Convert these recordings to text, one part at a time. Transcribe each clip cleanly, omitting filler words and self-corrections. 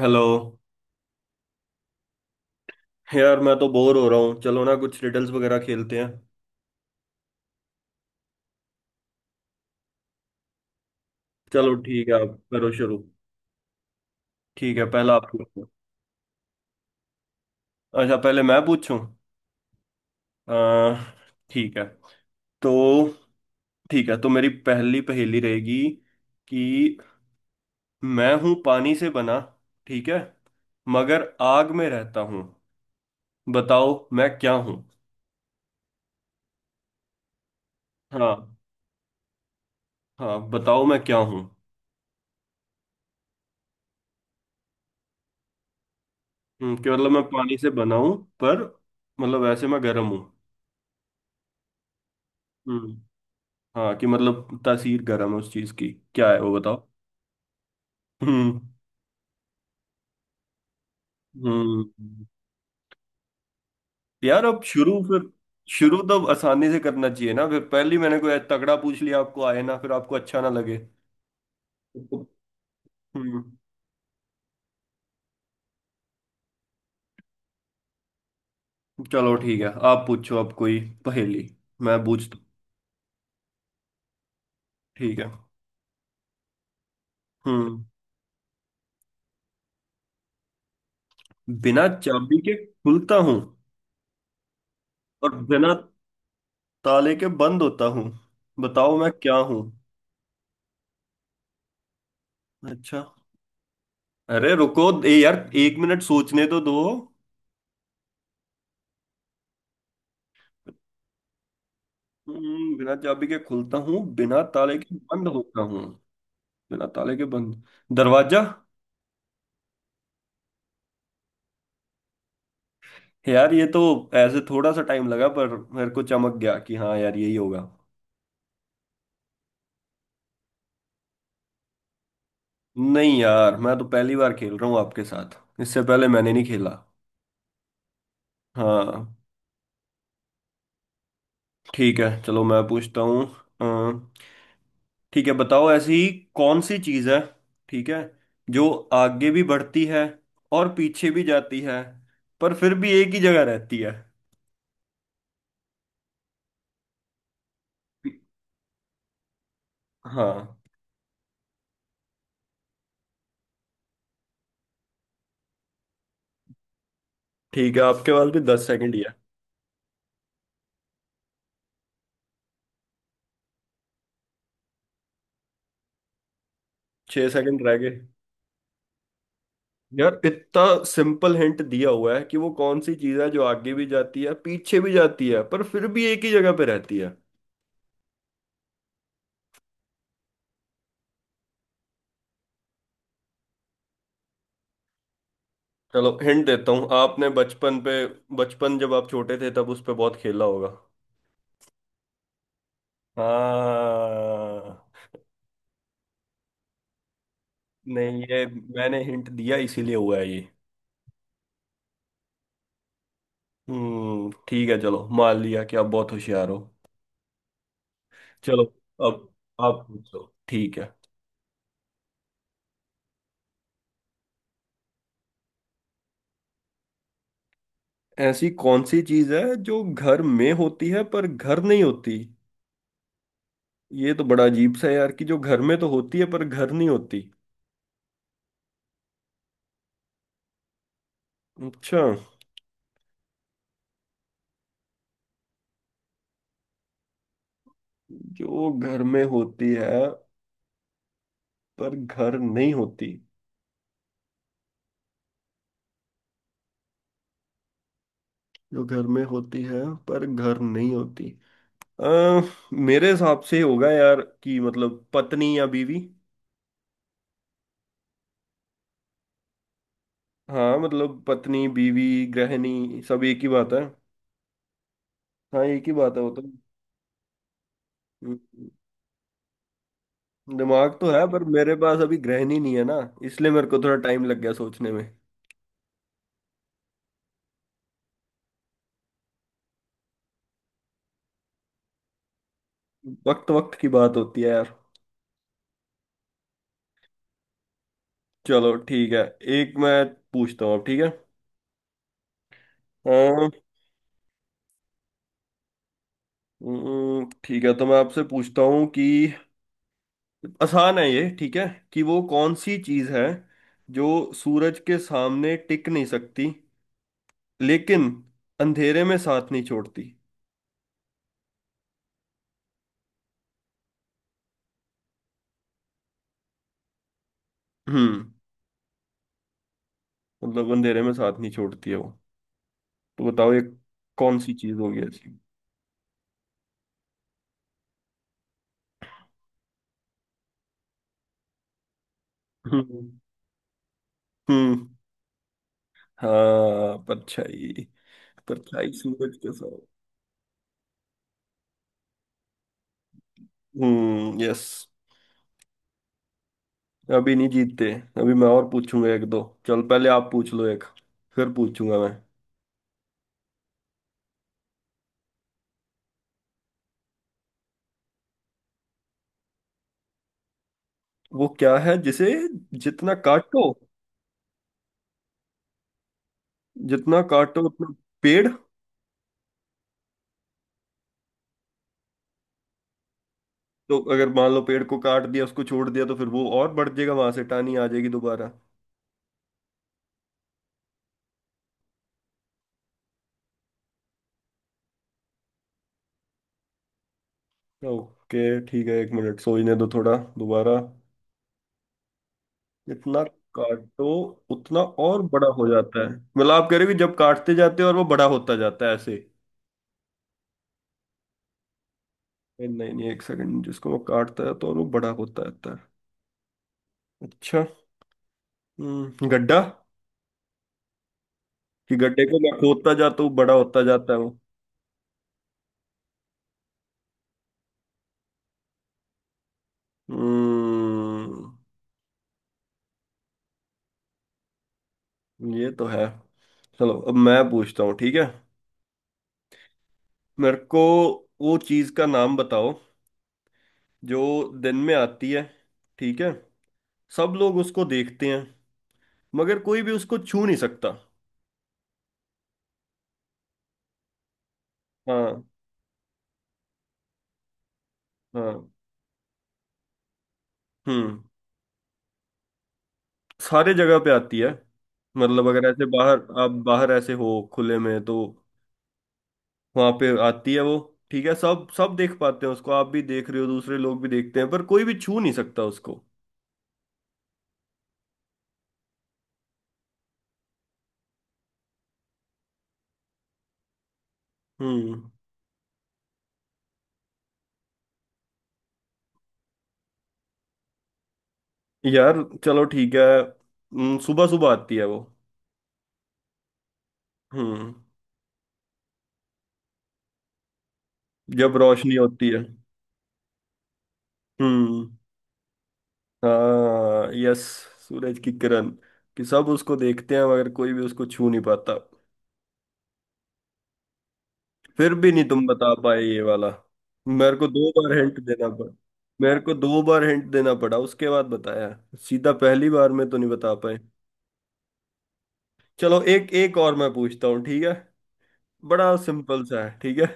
Hello. यार मैं तो बोर हो रहा हूँ, चलो ना कुछ रिडल्स वगैरह खेलते हैं। चलो ठीक है, आप करो शुरू। ठीक है, पहला आप पूछो। अच्छा, पहले मैं पूछूं? अह, ठीक है। तो ठीक है, तो मेरी पहली पहेली रहेगी कि मैं हूँ पानी से बना, ठीक है, मगर आग में रहता हूँ। बताओ मैं क्या हूँ। हाँ। हाँ, बताओ मैं क्या हूँ। कि मतलब मैं पानी से बना हूँ, पर मतलब वैसे मैं गर्म हूँ। हम्म। हाँ, कि मतलब तासीर गर्म है उस चीज की। क्या है वो बताओ। हम्म। हम्म। यार, अब शुरू फिर। शुरू तो आसानी से करना चाहिए ना, फिर पहले ही मैंने कोई तगड़ा पूछ लिया, आपको आए ना, फिर आपको अच्छा ना लगे। तो, हम्म। चलो ठीक है, आप पूछो अब कोई पहेली, मैं पूछता हूँ। ठीक है। हम्म। बिना चाबी के खुलता हूँ, और बिना ताले के बंद होता हूँ, बताओ मैं क्या हूँ। अच्छा। अरे रुको ए यार, एक मिनट सोचने तो दो। बिना चाबी के खुलता हूँ, बिना ताले के बंद होता हूँ, बिना ताले के बंद, दरवाजा। यार ये तो ऐसे थोड़ा सा टाइम लगा, पर मेरे को चमक गया कि हाँ यार, यही होगा। नहीं यार, मैं तो पहली बार खेल रहा हूँ आपके साथ, इससे पहले मैंने नहीं खेला। हाँ। ठीक है चलो, मैं पूछता हूँ। अम, ठीक है, बताओ ऐसी कौन सी चीज़ है, ठीक है, जो आगे भी बढ़ती है और पीछे भी जाती है, पर फिर भी एक ही जगह रहती है। हाँ। ठीक है, आपके पास भी दस सेकंड ही है। छह सेकंड रह गए। यार, इतना सिंपल हिंट दिया हुआ है कि वो कौन सी चीज है जो आगे भी जाती है, पीछे भी जाती है, पर फिर भी एक ही जगह पे रहती है। चलो हिंट देता हूँ, आपने बचपन पे, बचपन जब आप छोटे थे तब उस पे बहुत खेला होगा। हाँ। नहीं ये, मैंने हिंट दिया इसीलिए हुआ है ये। हम्म। ठीक है चलो, मान लिया कि आप बहुत होशियार हो। चलो अब आप पूछो, ठीक है। ऐसी कौन सी चीज है जो घर में होती है पर घर नहीं होती? ये तो बड़ा अजीब सा है यार, कि जो घर में तो होती है पर घर नहीं होती। अच्छा। जो घर में होती है पर घर नहीं होती, जो घर में होती है पर घर नहीं होती। अ, मेरे हिसाब से होगा यार, कि मतलब पत्नी या बीवी। हाँ मतलब, पत्नी, बीवी, गृहिणी, सब एक ही बात है। हाँ, एक ही बात है वो तो। हम्म। दिमाग तो है, पर मेरे पास अभी ग्रहण ही नहीं है ना, इसलिए मेरे को थोड़ा टाइम लग गया सोचने में। वक्त वक्त की बात होती है यार। चलो ठीक है, एक मैं पूछता हूँ अब, ठीक है। हाँ। ठीक है, तो मैं आपसे पूछता हूँ कि आसान है ये, ठीक है, कि वो कौन सी चीज़ है जो सूरज के सामने टिक नहीं सकती, लेकिन अंधेरे में साथ नहीं छोड़ती। हम्म। मतलब अंधेरे में साथ नहीं छोड़ती है वो, तो बताओ ये कौन सी चीज़ होगी ऐसी। हम्म। हम्म। हाँ परछाई, परछाई सूरज के साथ। हम्म, यस। अभी नहीं जीतते, अभी मैं और पूछूंगा एक दो। चल पहले आप पूछ लो एक, फिर पूछूंगा मैं। वो क्या है जिसे जितना काटो, जितना काटो उतना, पेड़। तो अगर मान लो पेड़ को काट दिया, उसको छोड़ दिया, तो फिर वो और बढ़ जाएगा, वहां से टानी आ जाएगी दोबारा। ओके ठीक है, एक मिनट सोचने दो थोड़ा दोबारा। जितना काटो उतना और बड़ा हो जाता है, मतलब आप कह रहे हो कि जब काटते जाते हो और वो बड़ा होता जाता है ऐसे। नहीं नहीं नहीं, एक सेकंड, जिसको वो काटता है तो और वो बड़ा होता जाता है। अच्छा। गड्ढा। कि गड्ढे को मैं खोदता जाता हूँ, बड़ा होता जाता है वो। हम्म। ये तो है। चलो अब मैं पूछता हूँ, ठीक है। मेरे को वो चीज का नाम बताओ जो दिन में आती है, ठीक है, सब लोग उसको देखते हैं, मगर कोई भी उसको छू नहीं सकता। हाँ। हाँ। हम्म। सारे जगह पे आती है, मतलब अगर ऐसे बाहर, आप बाहर ऐसे हो खुले में, तो वहां पे आती है वो। ठीक है, सब सब देख पाते हैं उसको, आप भी देख रहे हो, दूसरे लोग भी देखते हैं, पर कोई भी छू नहीं सकता उसको। हम्म। यार चलो ठीक है। सुबह सुबह आती है वो। हम्म। जब रोशनी होती है। हम्म। हाँ, यस, सूरज की किरण, कि सब उसको देखते हैं मगर कोई भी उसको छू नहीं पाता। फिर भी नहीं तुम बता पाए ये वाला। मेरे को दो बार हिंट देना पड़ा। मेरे को दो बार हिंट देना पड़ा उसके बाद बताया, सीधा पहली बार में तो नहीं बता पाए। चलो एक, एक और मैं पूछता हूँ, ठीक है, बड़ा सिंपल सा है, ठीक है।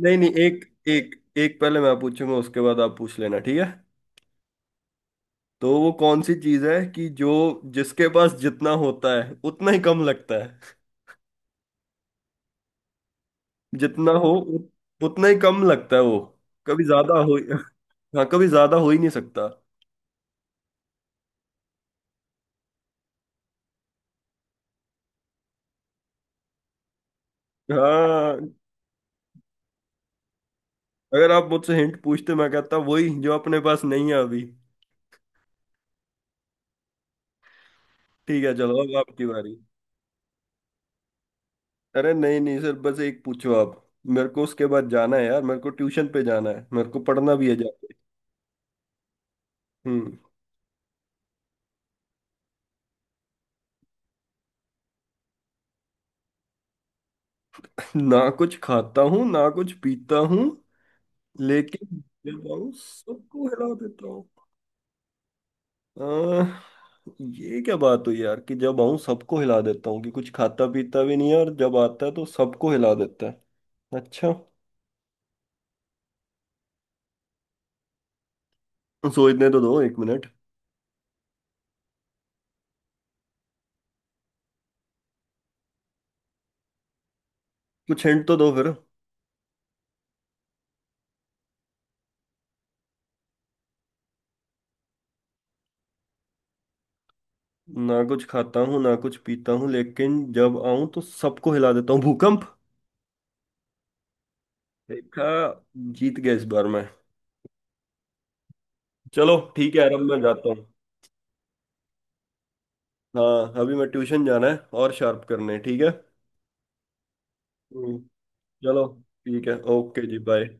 नहीं नहीं, एक एक एक पहले मैं पूछूंगा, उसके बाद आप पूछ लेना, ठीक है। तो वो कौन सी चीज है कि जो, जिसके पास जितना होता है उतना ही कम लगता है। जितना हो उतना ही कम लगता है वो। कभी ज्यादा हो हाँ, कभी ज्यादा हो ही नहीं सकता। हाँ, अगर आप मुझसे हिंट पूछते, मैं कहता वही जो अपने पास नहीं है अभी। ठीक है, चलो अब आपकी बारी। अरे नहीं नहीं सर, बस एक पूछो आप, मेरे को उसके बाद जाना है यार, मेरे को ट्यूशन पे जाना है, मेरे को पढ़ना भी है जाके। हम्म। ना कुछ खाता हूँ, ना कुछ पीता हूँ, लेकिन जब आऊँ सबको हिला देता हूँ। अह, ये क्या बात हुई यार, कि जब आऊँ सबको हिला देता हूँ, कि कुछ खाता पीता भी नहीं है और जब आता है तो सबको हिला देता है। अच्छा। सोचने तो दो एक मिनट। कुछ हिंट तो दो फिर। ना कुछ खाता हूँ ना कुछ पीता हूँ, लेकिन जब आऊं तो सबको हिला देता हूँ, भूकंप। देखा, जीत गया इस बार मैं। चलो ठीक है यार, अब मैं जाता हूँ। हाँ, अभी मैं ट्यूशन जाना है और शार्प करने हैं, ठीक है। हम्म, चलो ठीक है, ओके जी, बाय।